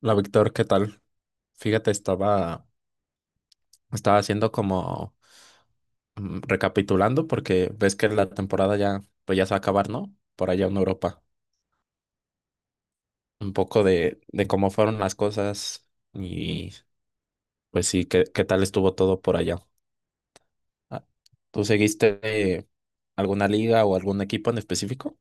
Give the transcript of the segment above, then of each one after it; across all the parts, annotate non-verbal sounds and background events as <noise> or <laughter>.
Hola Víctor, ¿qué tal? Fíjate, estaba haciendo como recapitulando porque ves que la temporada ya, pues ya se va a acabar, ¿no? Por allá en Europa. Un poco de cómo fueron las cosas y pues sí, qué tal estuvo todo por allá. Ah, ¿tú seguiste alguna liga o algún equipo en específico?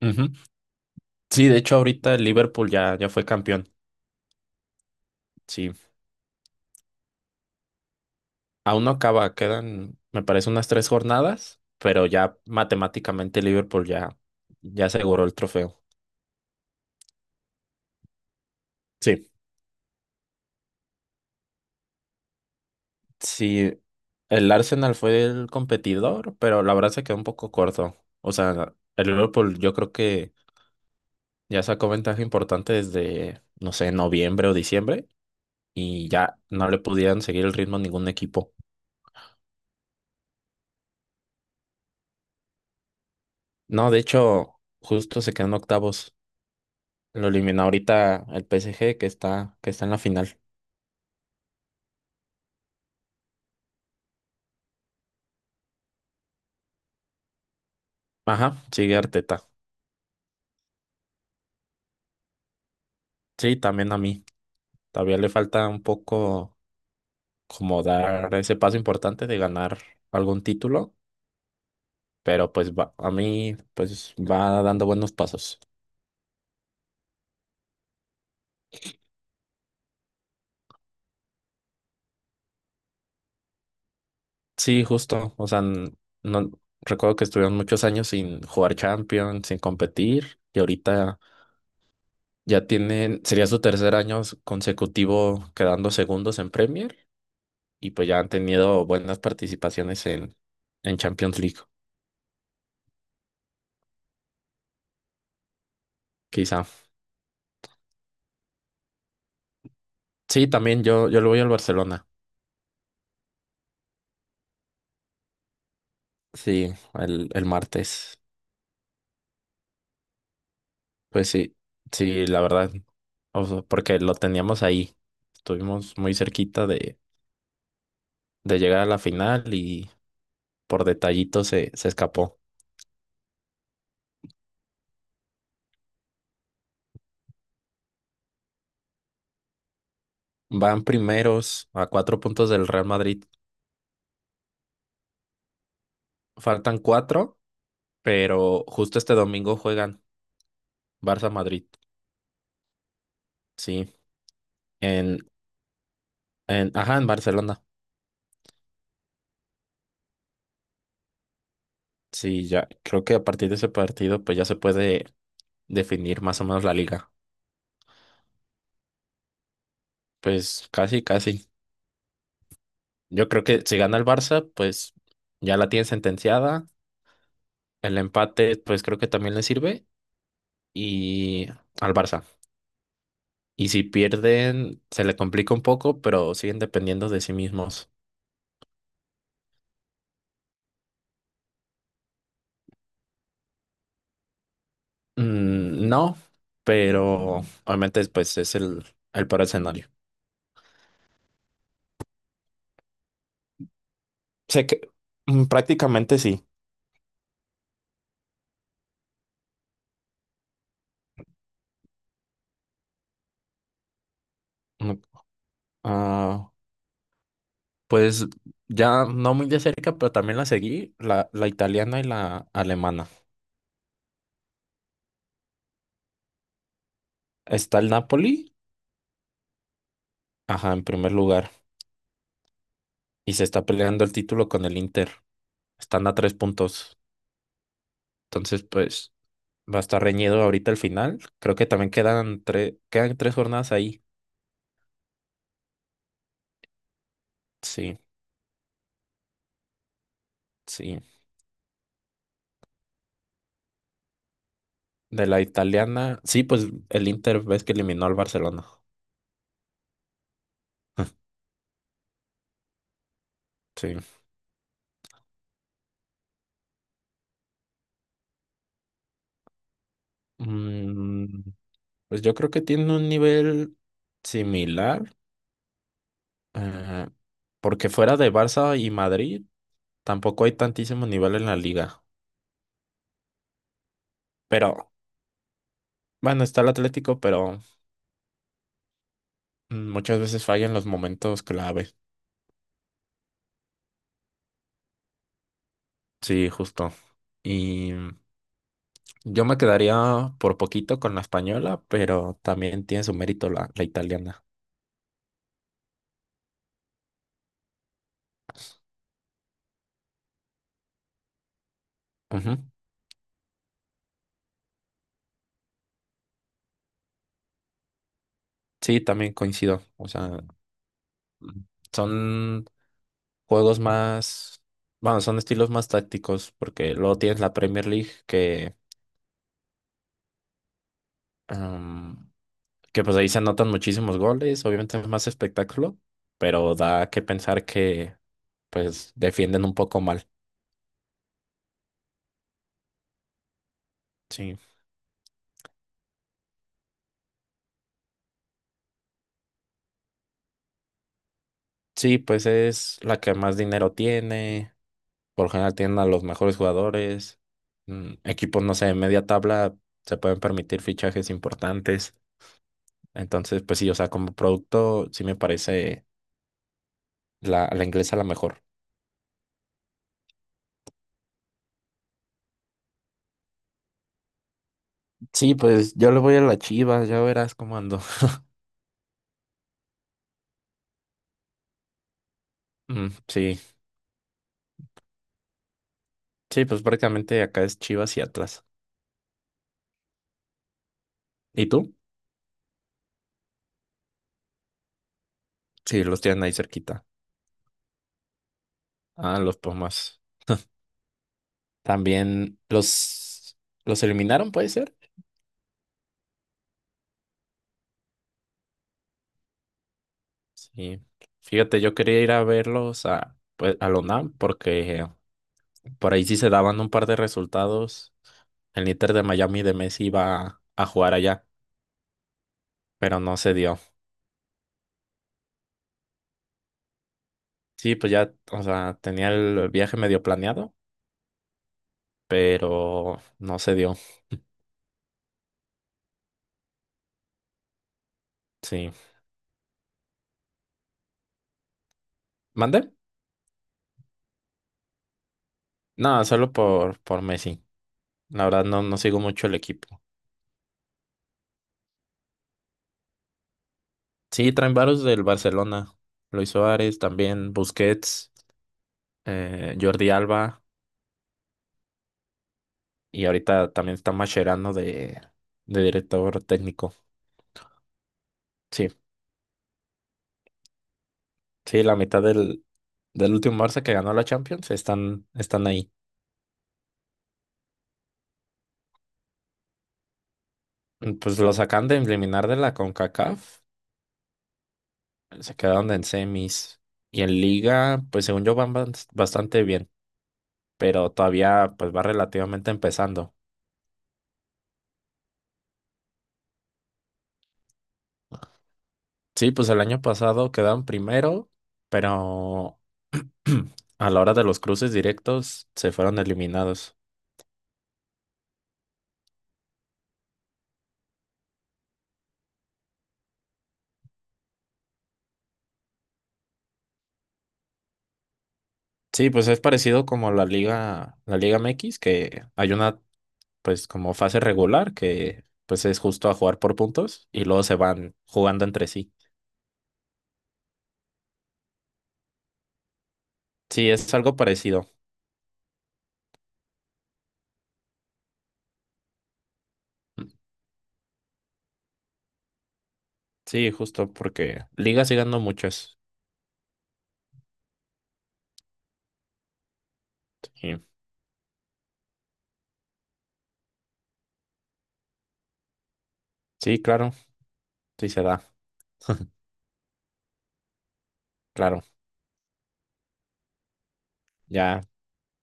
Ujú. Sí, de hecho ahorita el Liverpool ya fue campeón. Sí. Aún no acaba, quedan, me parece, unas 3 jornadas, pero ya matemáticamente Liverpool ya aseguró el trofeo. Sí, sí, el Arsenal fue el competidor, pero la verdad se quedó un poco corto. O sea, el Liverpool yo creo que ya sacó ventaja importante desde, no sé, noviembre o diciembre y ya no le podían seguir el ritmo a ningún equipo. No, de hecho, justo se quedan octavos. Lo eliminó ahorita el PSG que está en la final. Ajá, sigue Arteta. Sí, también a mí. Todavía le falta un poco como dar ese paso importante de ganar algún título, pero pues va, a mí pues va dando buenos pasos. Sí, justo. O sea, no recuerdo que estuvieron muchos años sin jugar Champions, sin competir, y ahorita ya tienen, sería su tercer año consecutivo quedando segundos en Premier, y pues ya han tenido buenas participaciones en Champions League, quizá. Sí, también yo le voy al Barcelona. Sí, el martes. Pues sí, sí, la verdad. O sea, porque lo teníamos ahí. Estuvimos muy cerquita de llegar a la final y por detallito se escapó. Van primeros a 4 puntos del Real Madrid. Faltan cuatro, pero justo este domingo juegan Barça-Madrid. Sí, en, ajá, en Barcelona. Sí, ya creo que a partir de ese partido pues ya se puede definir más o menos la liga. Pues casi, casi. Yo creo que si gana el Barça, pues ya la tiene sentenciada. El empate, pues creo que también le sirve. Y al Barça. Y si pierden, se le complica un poco, pero siguen dependiendo de sí mismos. No, pero obviamente pues es el peor escenario. Sé que prácticamente sí. Mm, ah, pues ya no muy de cerca, pero también la seguí, la italiana y la alemana. Está el Napoli, ajá, en primer lugar. Y se está peleando el título con el Inter. Están a 3 puntos. Entonces, pues va a estar reñido ahorita el final. Creo que también quedan 3 jornadas ahí. Sí, sí. De la italiana. Sí, pues el Inter ves que eliminó al Barcelona. <laughs> Sí. Mm, pues yo creo que tiene un nivel similar. eh, Porque fuera de Barça y Madrid, tampoco hay tantísimo nivel en la liga. Pero, bueno, está el Atlético, pero muchas veces falla en los momentos clave. Sí, justo. Y yo me quedaría por poquito con la española, pero también tiene su mérito la italiana. Ujú. Sí, también coincido. O sea, mm, son juegos más, bueno, son estilos más tácticos, porque luego tienes la Premier League em, que pues ahí se anotan muchísimos goles, obviamente es más espectáculo, pero da que pensar que pues defienden un poco mal. Sí. Sí, pues es la que más dinero tiene. Por lo general tienen a los mejores jugadores. Equipos, no sé, de media tabla se pueden permitir fichajes importantes. Entonces, pues sí, o sea, como producto, sí me parece la inglesa la mejor. Sí, pues yo le voy a la Chivas, ya verás cómo ando. <laughs> Mm, sí, sí, pues prácticamente acá es Chivas y Atlas. ¿Y tú? Sí, los tienen ahí cerquita. Ah, los Pumas. También los eliminaron, puede ser. Sí. Fíjate, yo quería ir a verlos a, pues, a la UNAM porque por ahí sí se daban un par de resultados. El Inter de Miami de Messi iba a jugar allá, pero no se dio. Sí, pues ya, o sea, tenía el viaje medio planeado, pero no se dio. Sí. ¿Mandé? No, solo por Messi. La verdad no, no sigo mucho el equipo. Sí, traen varios del Barcelona. Luis Suárez, también Busquets, Jordi Alba, y ahorita también está Mascherano de director técnico. Sí, sí, la mitad del último Barça que ganó la Champions, están ahí. Pues los acaban de eliminar de la CONCACAF, se quedaron en semis. Y en Liga, pues según yo van bastante bien, pero todavía pues va relativamente empezando. Sí, pues el año pasado quedaron primero, pero <clears throat> a la hora de los cruces directos se fueron eliminados. Sí, pues es parecido como la Liga MX, que hay una pues como fase regular, que pues es justo a jugar por puntos y luego se van jugando entre sí. Sí, es algo parecido. Sí, justo porque ligas sigue dando muchas. Sí, sí, claro, sí se da, claro. Ya,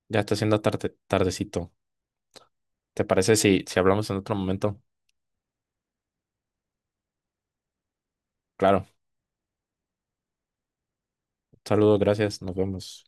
ya está siendo tarde, tardecito. ¿Te parece si hablamos en otro momento? Claro. Saludos, gracias, nos vemos.